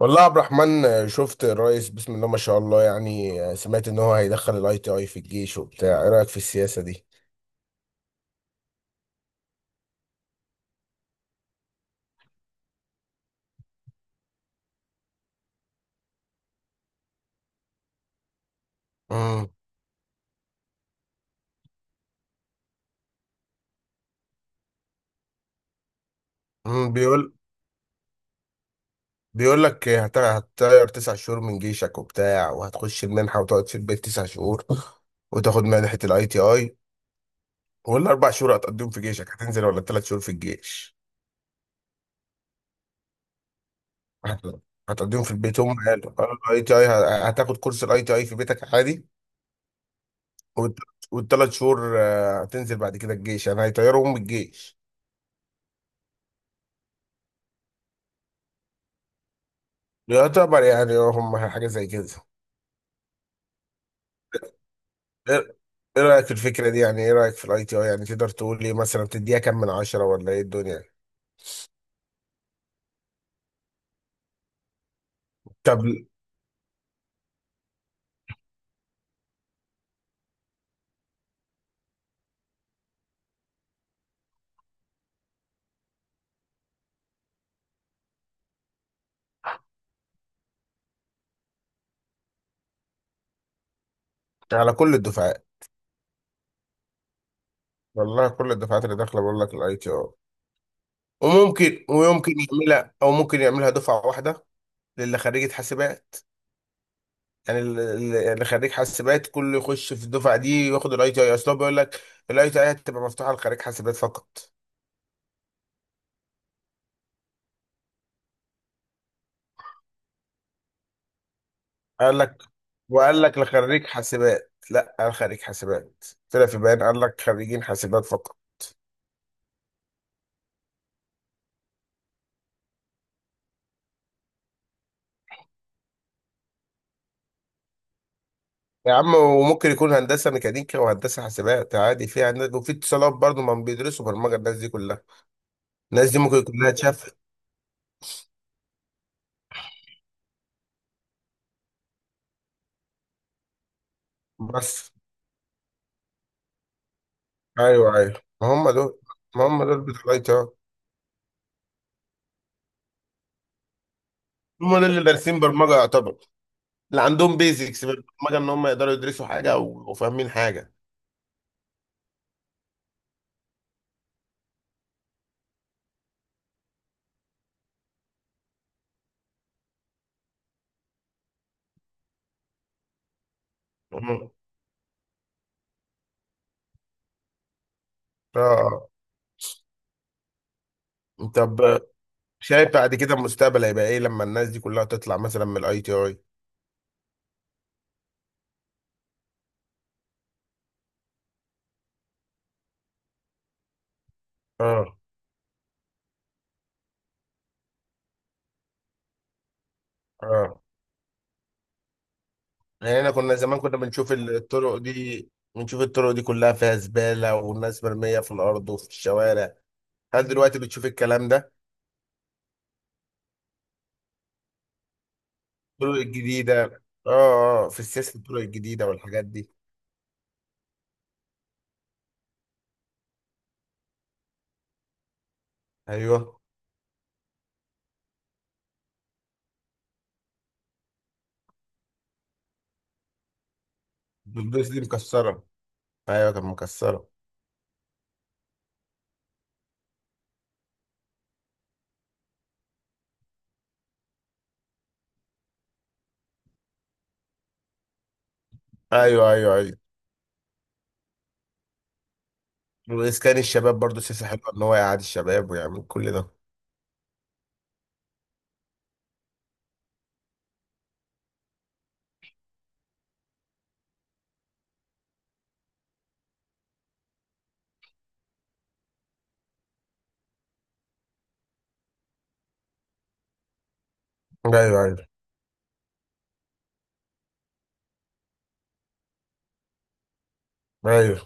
والله يا عبد الرحمن، شفت الرئيس؟ بسم الله ما شاء الله. يعني سمعت ان هو هيدخل الاي تي اي في الجيش وبتاع. ايه رايك في السياسه دي؟ امم أمم، بيقول بيقول لك هتطير تسع شهور من جيشك وبتاع، وهتخش المنحه وتقعد في البيت تسع شهور وتاخد منحه الاي تي اي. والاربع شهور هتقضيهم في جيشك، هتنزل؟ ولا الثلاث شهور في الجيش؟ هت- هتقضيهم في البيت. هم قالوا الاي تي اي. هتاخد كورس الاي تي اي في بيتك عادي. والثلاث شهور هتنزل بعد كده الجيش. يعني هيطيروا من الجيش يعتبر، يعني هم حاجة زي كده. ايه؟ إيه رأيك في الفكرة دي؟ يعني ايه رأيك في الاي تي اي؟ يعني تقدر تقول لي مثلا تديها كام من عشرة ولا ايه الدنيا؟ طب على كل الدفعات. والله كل الدفعات اللي داخلة بقول لك الاي تي اي، وممكن ويمكن يعملها، او ممكن يعملها دفعة واحدة للي خريجة حاسبات. يعني اللي خريج حاسبات كله يخش في الدفعة دي وياخد الاي تي اي، اصل هو بيقول لك الاي تي اي هتبقى مفتوحة لخريج حاسبات فقط. قال لك، وقال لك لخريج حاسبات. لا، قال خريج حاسبات. طلع في بيان قال لك خريجين حاسبات فقط. يا عم وممكن يكون هندسه ميكانيكا وهندسه حاسبات عادي، في هندسة وفي اتصالات برضه، ما بيدرسوا برمجه الناس دي كلها؟ الناس دي ممكن كلها اتشافت. بس ايوه ايوه، ما هم دول. ما هم دول بتوع. اه. هم دول اللي دارسين برمجه يعتبر، اللي عندهم بيزكس بالبرمجه ان هم يقدروا يدرسوا حاجه وفاهمين حاجه. مم. اه. طب شايف بعد كده المستقبل هيبقى ايه لما الناس دي كلها تطلع مثلا من الاي تي اي؟ اه اه. يعني احنا كنا زمان كنا بنشوف الطرق دي، بنشوف الطرق دي كلها فيها زبالة والناس مرمية في الارض وفي الشوارع. هل دلوقتي بتشوف الكلام ده؟ الطرق الجديدة اه اه في السياسة، الطرق الجديدة والحاجات دي. ايوه. البلدوز دي مكسرة، ايوه كانت مكسرة. ايوه ايوه ايوه. واسكان الشباب برضو سياسة حلوة، ان هو يقعد الشباب ويعمل كل ده. ايوه ايوه ايوه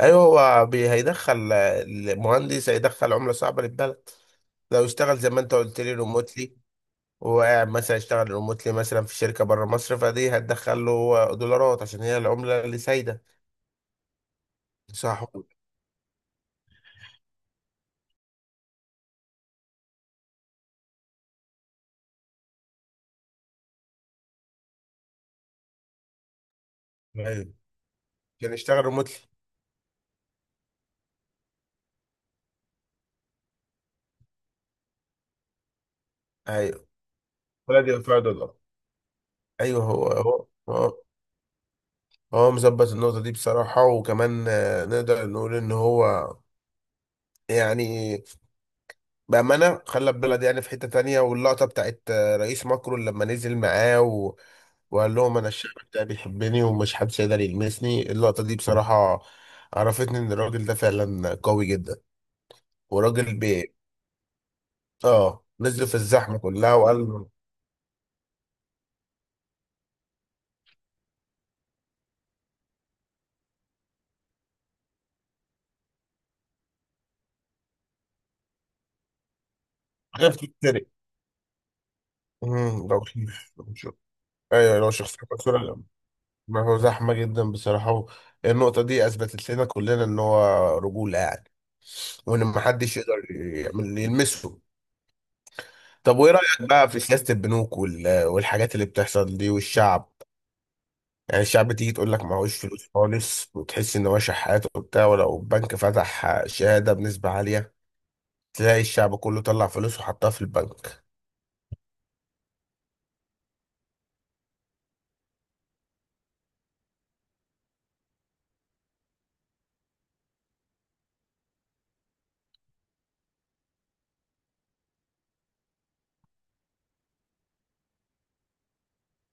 ايوه. هو هيدخل المهندس، هيدخل عمله صعبه للبلد لو اشتغل زي ما انت قلت لي ريموتلي، وقاعد مثلا يشتغل ريموتلي مثلا في شركه بره مصر، فدي هتدخل له دولارات عشان هي العمله اللي سايده. صح. ايوه، عشان يشتغل ريموتلي. ايوه، ولا دي فيها دولار. ايوه هو هو هو. هو مظبط النقطه دي بصراحه. وكمان نقدر نقول ان هو يعني بأمانة خلى البلد يعني في حتة تانية. واللقطة بتاعت رئيس ماكرون لما نزل معاه و... وقال لهم أنا الشعب بتاعي بيحبني ومش محدش يقدر يلمسني. اللقطة دي بصراحة عرفتني إن الراجل ده فعلا قوي جدا. وراجل آه نزل في الزحمة كلها وقال حاجة بتتسرق. لو لو أيوه لو شخصية مكسورة. ما هو زحمة جدا بصراحة. النقطة دي أثبتت لنا كلنا إن هو رجولة يعني. وإن محدش يقدر يلمسه. طب وايه رأيك بقى في سياسة البنوك والحاجات اللي بتحصل دي والشعب؟ يعني الشعب تيجي تقول لك معهوش فلوس خالص، وتحس ان هو شحات وبتاع. ولو البنك فتح شهادة بنسبة عالية تلاقي الشعب كله طلع فلوس وحطها في البنك.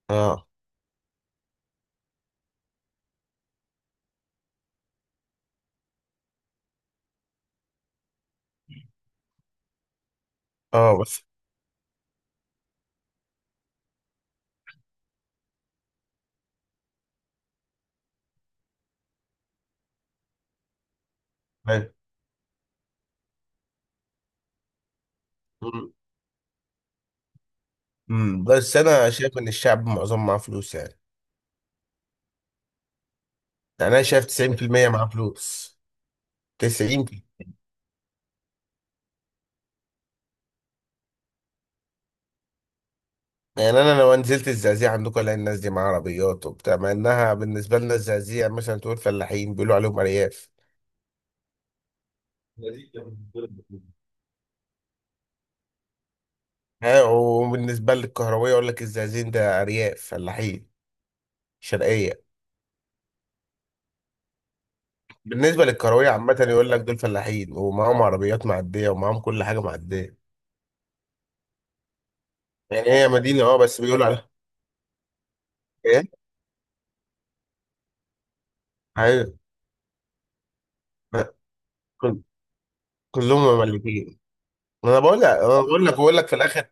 اه اه بس. أيوة. مم. مم. بس انا شايف ان الشعب معظم معاه فلوس يعني. يعني انا شايف 90% معاه فلوس. 90. يعني انا لو نزلت الزقازيق عندكم الاقي الناس دي معاها عربيات وبتاع، مع انها بالنسبه لنا الزقازيق يعني مثلا تقول فلاحين، بيقولوا عليهم ارياف. ها، وبالنسبة للكهروية يقول لك الزقازيق ده أرياف فلاحين شرقية. بالنسبة للكهروية عامة يقول لك دول فلاحين ومعاهم عربيات معدية ومعاهم كل حاجة معدية. يعني هي مدينة اه بس بيقولوا عليها ايه؟ أيوة، كل- كلهم مملكين. أنا بقول لك، أنا بقول لك، بقول لك في الآخر،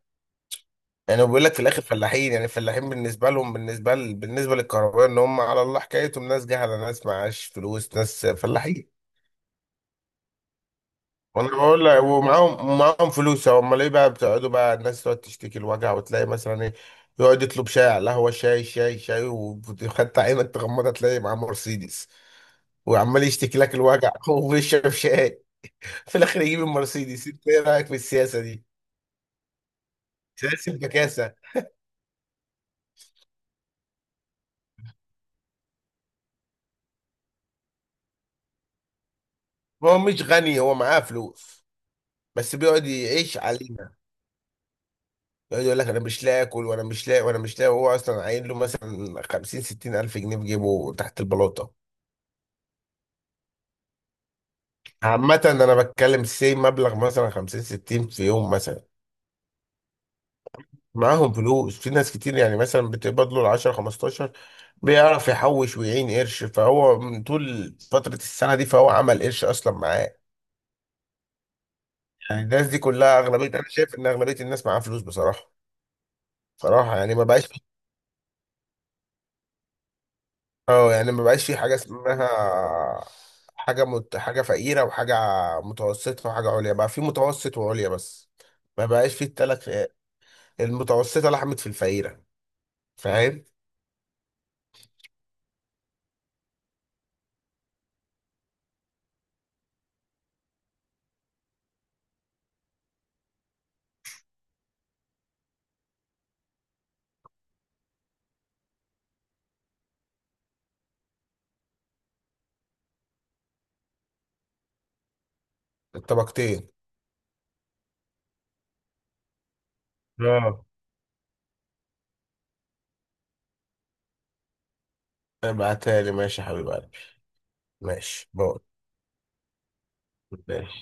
يعني بقول لك في الآخر فلاحين. يعني الفلاحين بالنسبة لهم، بالنسبة ل... بالنسبة للكهروية، إن هم على الله حكايتهم ناس جهلة، ناس معاش فلوس، ناس فلاحين. وانا بقول لك ومعاهم، معاهم فلوس امال ايه بقى؟ بتقعدوا بقى، الناس تقعد تشتكي الوجع وتلاقي مثلا ايه، يقعد يطلب شاي على القهوه، شاي شاي شاي، وخدت عينك تغمضها تلاقي معاه مرسيدس، وعمال يشتكي لك الوجع وبيشرب شاي. في الاخر يجيب المرسيدس. انت ايه رايك في السياسه دي؟ سياسه البكاسه. ما هو مش غني، هو معاه فلوس، بس بيقعد يعيش علينا. يقعد يقول لك انا مش لاقي اكل، وانا مش لاقي وانا مش لاقي، وهو اصلا عاين له مثلا 50 60 الف جنيه في جيبه تحت البلاطه. عامة أنا بتكلم سي مبلغ مثلا 50 60 في يوم مثلا. معاهم فلوس في ناس كتير، يعني مثلا بتقبض له 10 15، بيعرف يحوش ويعين قرش، فهو من طول فترة السنة دي فهو عمل قرش أصلا معاه. يعني الناس دي كلها أغلبية، أنا شايف إن أغلبية الناس معاها فلوس بصراحة. بصراحة يعني ما بقاش، أه يعني ما بقاش في حاجة اسمها حاجة حاجة فقيرة وحاجة متوسطة وحاجة عليا، بقى في متوسط وعليا بس. ما بقاش في التلات فئات، المتوسطة لحمت في الفقيرة، فاهم؟ الطبقتين، اه ابعتها لي ماشي يا حبيب قلبي. ماشي بقول، ماشي.